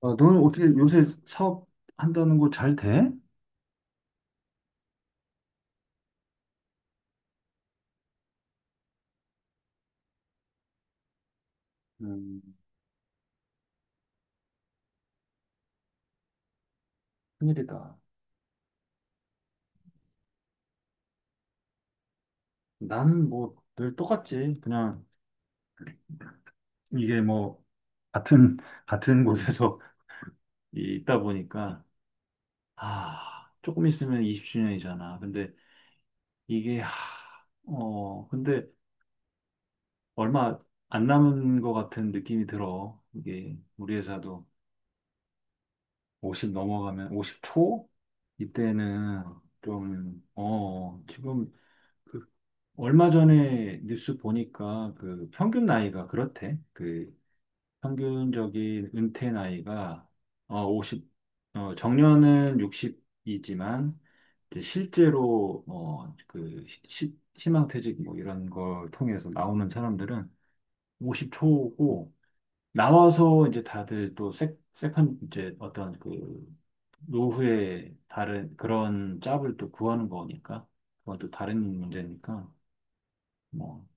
아, 너는 어떻게 요새 사업한다는 거 잘 돼? 음. 큰일이다. 난 뭐 늘 똑같지. 그냥 이게 뭐 같은 같은 곳에서 있다 보니까 아 조금 있으면 20주년이잖아. 근데 이게 하, 근데 얼마 안 남은 것 같은 느낌이 들어. 이게 우리 회사도 50 넘어가면 50초 이때는 좀 지금 그 얼마 전에 뉴스 보니까 그 평균 나이가 그렇대. 그 평균적인 은퇴 나이가 50, 정년은 60이지만 이제 실제로 어그 희망퇴직 뭐 이런 걸 통해서 나오는 사람들은 50 초고 나와서 이제 다들 또 세컨 이제 어떤 그 노후에 다른 그런 짭을 또 구하는 거니까 그건 또 다른 문제니까. 뭐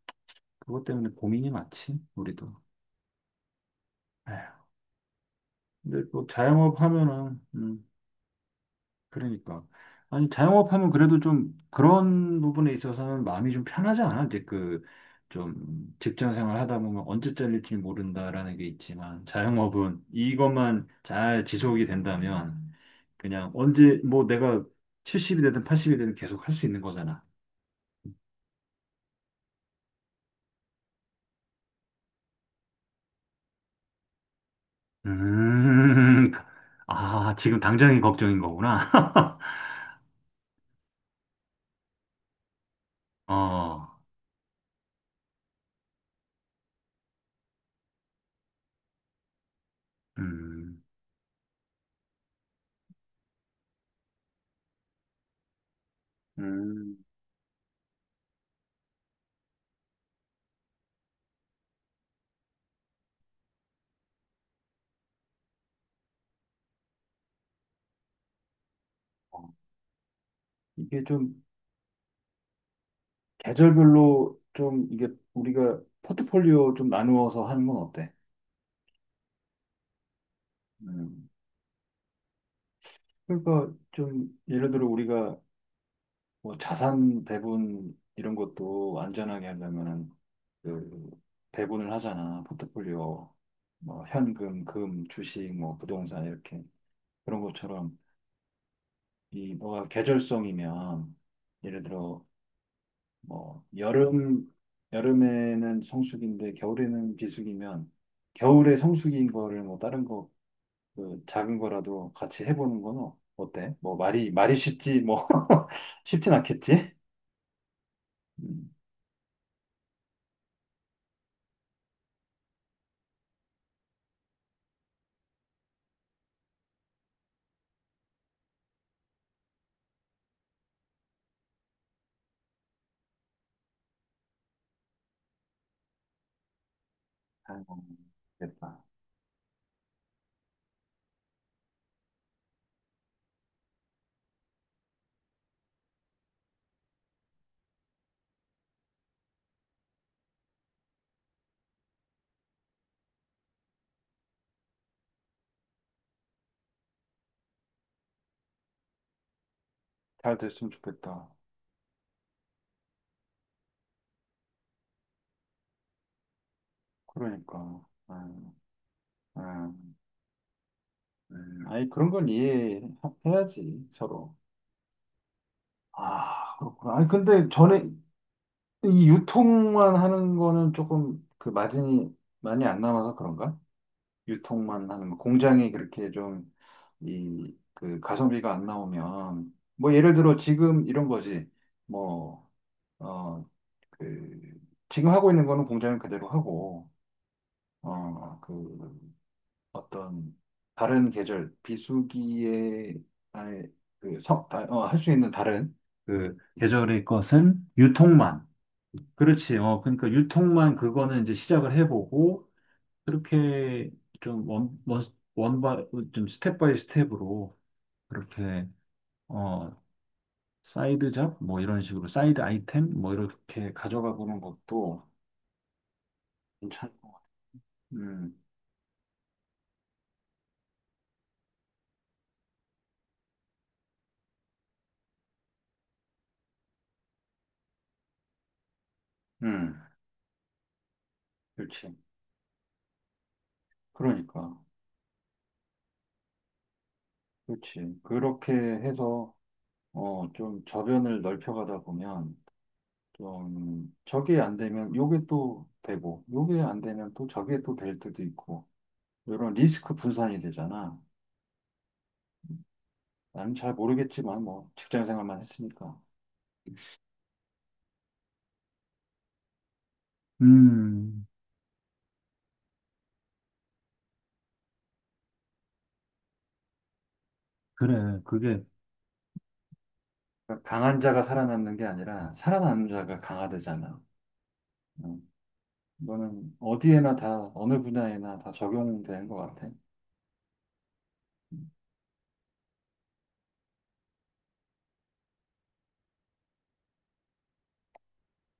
그것 때문에 고민이 많지, 우리도. 에휴, 근데 또 자영업 하면은, 그러니까. 아니, 자영업 하면 그래도 좀 그런 부분에 있어서는 마음이 좀 편하지 않아? 이제 그, 좀 직장 생활 하다 보면 언제 잘릴지 모른다라는 게 있지만, 자영업은 이것만 잘 지속이 된다면, 그냥 언제, 뭐 내가 70이 되든 80이 되든 계속 할 수 있는 거잖아. 음, 아, 지금 당장이 걱정인 거구나. 어, 음. 음. 어. 이게 좀 계절별로 좀 이게 우리가 포트폴리오 좀 나누어서 하는 건 어때? 음. 그러니까 좀 예를 들어 우리가 뭐 자산 배분 이런 것도 안전하게 하려면은 그 배분을 하잖아. 포트폴리오 뭐 현금, 금, 주식, 뭐 부동산 이렇게 그런 것처럼 이 뭐가 계절성이면 예를 들어 뭐 여름에는 성수기인데 겨울에는 비수기면 겨울에 성수기인 거를 뭐 다른 거 그 작은 거라도 같이 해보는 건 어때? 뭐 말이 쉽지 뭐 쉽진 않겠지? 음, 아이고, 됐다. 잘 됐으면 좋겠다. 그러니까. 음, 음, 아니 그런 건 이해해야지 서로. 아, 그렇구나. 아니, 근데 전에 이 유통만 하는 거는 조금 그 마진이 많이 안 남아서 그런가? 유통만 하는 거. 공장이 그렇게 좀 이 그 가성비가 안 나오면 뭐 예를 들어 지금 이런 거지. 뭐 어 그 지금 하고 있는 거는 공장을 그대로 하고 그 어떤 다른 계절 비수기에 아니 그성어할 수 있는 다른 그 계절의 것은 유통만, 그렇지. 그러니까 유통만 그거는 이제 시작을 해보고 그렇게 좀 원바, 좀 스텝 바이 스텝으로 그렇게, 어, 사이드 잡? 뭐 이런 식으로 사이드 아이템? 뭐 이렇게 가져가 보는 것도 괜찮을 것 같아. 음, 음, 그렇지. 그러니까. 그렇지. 그렇게 해서, 좀 저변을 넓혀가다 보면, 좀, 저게 안 되면 요게 또 되고, 요게 안 되면 또 저게 또 될 때도 있고, 이런 리스크 분산이 되잖아. 나는 잘 모르겠지만 뭐 직장 생활만 했으니까. 음, 그래. 그게, 그러니까 강한 자가 살아남는 게 아니라 살아남는 자가 강화되잖아. 음, 이거는 어디에나 다 어느 분야에나 다 적용되는 것 같아.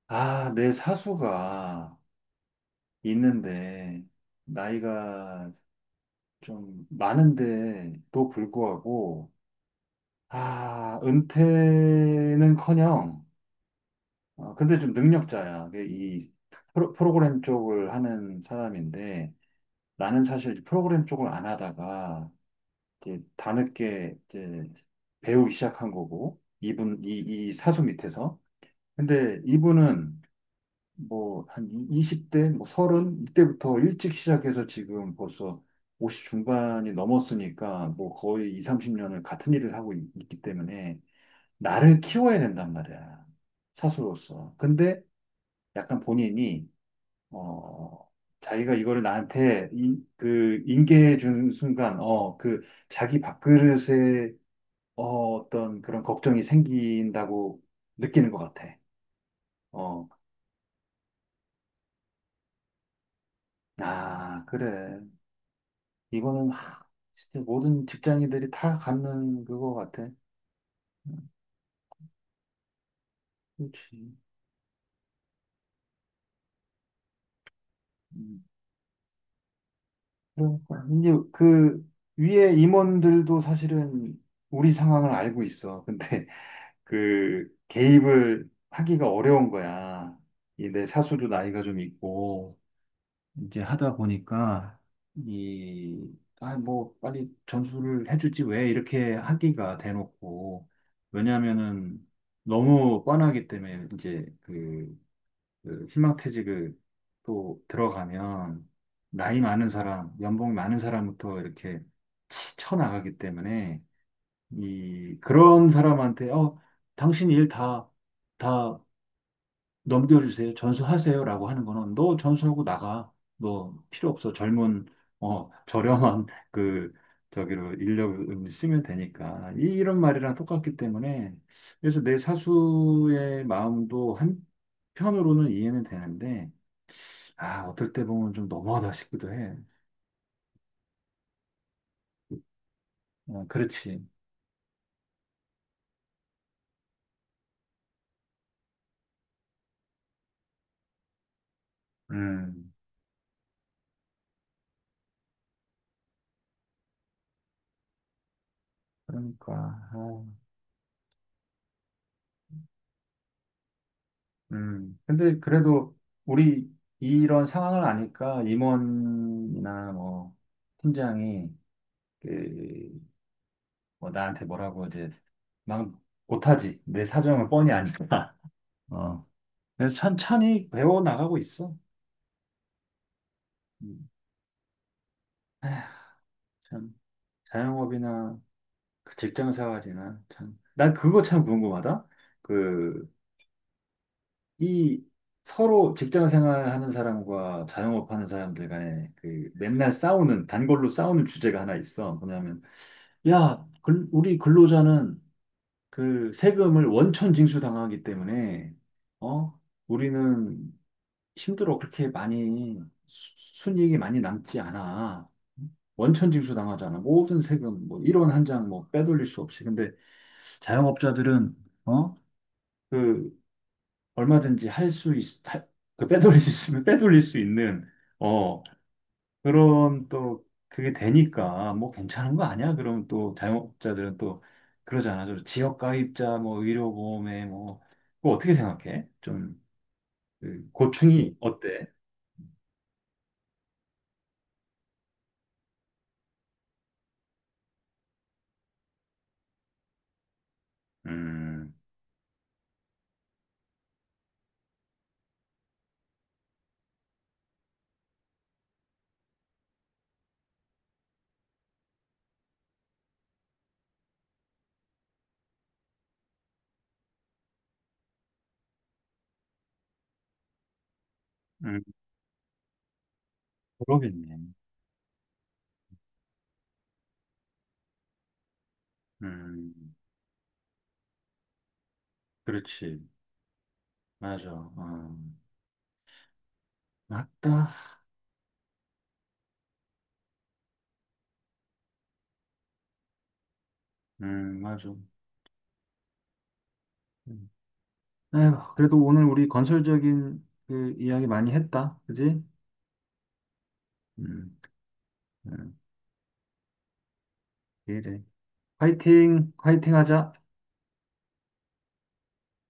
아, 내 사수가 있는데 나이가 좀 많은데도 불구하고, 아, 은퇴는커녕. 아, 근데 좀 능력자야. 그이 프로그램 쪽을 하는 사람인데 나는 사실 프로그램 쪽을 안 하다가 이제 다늦게 이제 배우기 시작한 거고, 이 사수 밑에서. 근데 이분은 뭐 한 20대 뭐 30, 이때부터 일찍 시작해서 지금 벌써 50 중반이 넘었으니까 뭐 거의 2, 30년을 같은 일을 하고 있기 때문에 나를 키워야 된단 말이야. 사수로서. 근데 약간 본인이 어, 자기가 이거를 나한테 그 인계해 준 순간, 그 자기 밥그릇에 어떤 그런 걱정이 생긴다고 느끼는 것 같아. 어, 아, 그래. 이거는 진짜 모든 직장인들이 다 갖는 그거 같아. 음, 그렇지. 음, 그러니까 이제 그 위에 임원들도 사실은 우리 상황을 알고 있어. 근데 그 개입을 하기가 어려운 거야. 이 내 사수도 나이가 좀 있고 이제 하다 보니까 이 뭐 빨리 전수를 해주지 왜 이렇게 하기가 대놓고. 왜냐하면은 너무 뻔하기 때문에 이제 그, 그 희망퇴직을 또 들어가면 나이 많은 사람, 연봉 많은 사람부터 이렇게 쳐나가기 때문에 이, 그런 사람한테, 당신 일 다 넘겨주세요. 전수하세요. 라고 하는 거는 너 전수하고 나가. 너 필요 없어. 젊은, 저렴한 그, 저기로 인력을 쓰면 되니까. 이런 말이랑 똑같기 때문에. 그래서 내 사수의 마음도 한편으로는 이해는 되는데, 아, 어떨 때 보면 좀 너무하다 싶기도 해. 어, 그렇지. 음, 그러니까. 아. 근데 그래도 우리 이런 상황을 아니까 임원이나 뭐 팀장이 그, 뭐 나한테 뭐라고 이제 막 못하지. 내 사정을 뻔히 아니까. 어. 그래서 천천히 배워 나가고 있어. 음. 에휴, 참 자영업이나 그 직장 생활이나 참. 난 그거 참 궁금하다. 그 이 서로 직장 생활하는 사람과 자영업 하는 사람들 간에 그 맨날 싸우는, 단골로 싸우는 주제가 하나 있어. 뭐냐면 야, 우리 근로자는 그 세금을 원천 징수당하기 때문에 어? 우리는 힘들어. 그렇게 많이 수- 순이익이 많이 남지 않아. 원천 징수당하잖아. 모든 세금, 뭐 1원 한 장 뭐 빼돌릴 수 없이. 근데 자영업자들은 어? 그 얼마든지 할 수 있, 할- 그 빼돌릴 수 있으면 빼돌릴 수 있는, 어, 그런 또 그게 되니까 뭐 괜찮은 거 아니야? 그럼 또 자영업자들은 또 그러잖아. 저 지역 가입자, 뭐 의료보험에 뭐, 그거 어떻게 생각해? 좀, 그 고충이 어때? 음, 음, 그러겠네. 음, 그렇지. 맞아. 음, 맞다. 맞아. 음. 아휴, 그래도 오늘 우리 건설적인 그 이야기 많이 했다. 그지? 음. 응. 이래. 화이팅, 화이팅 하자.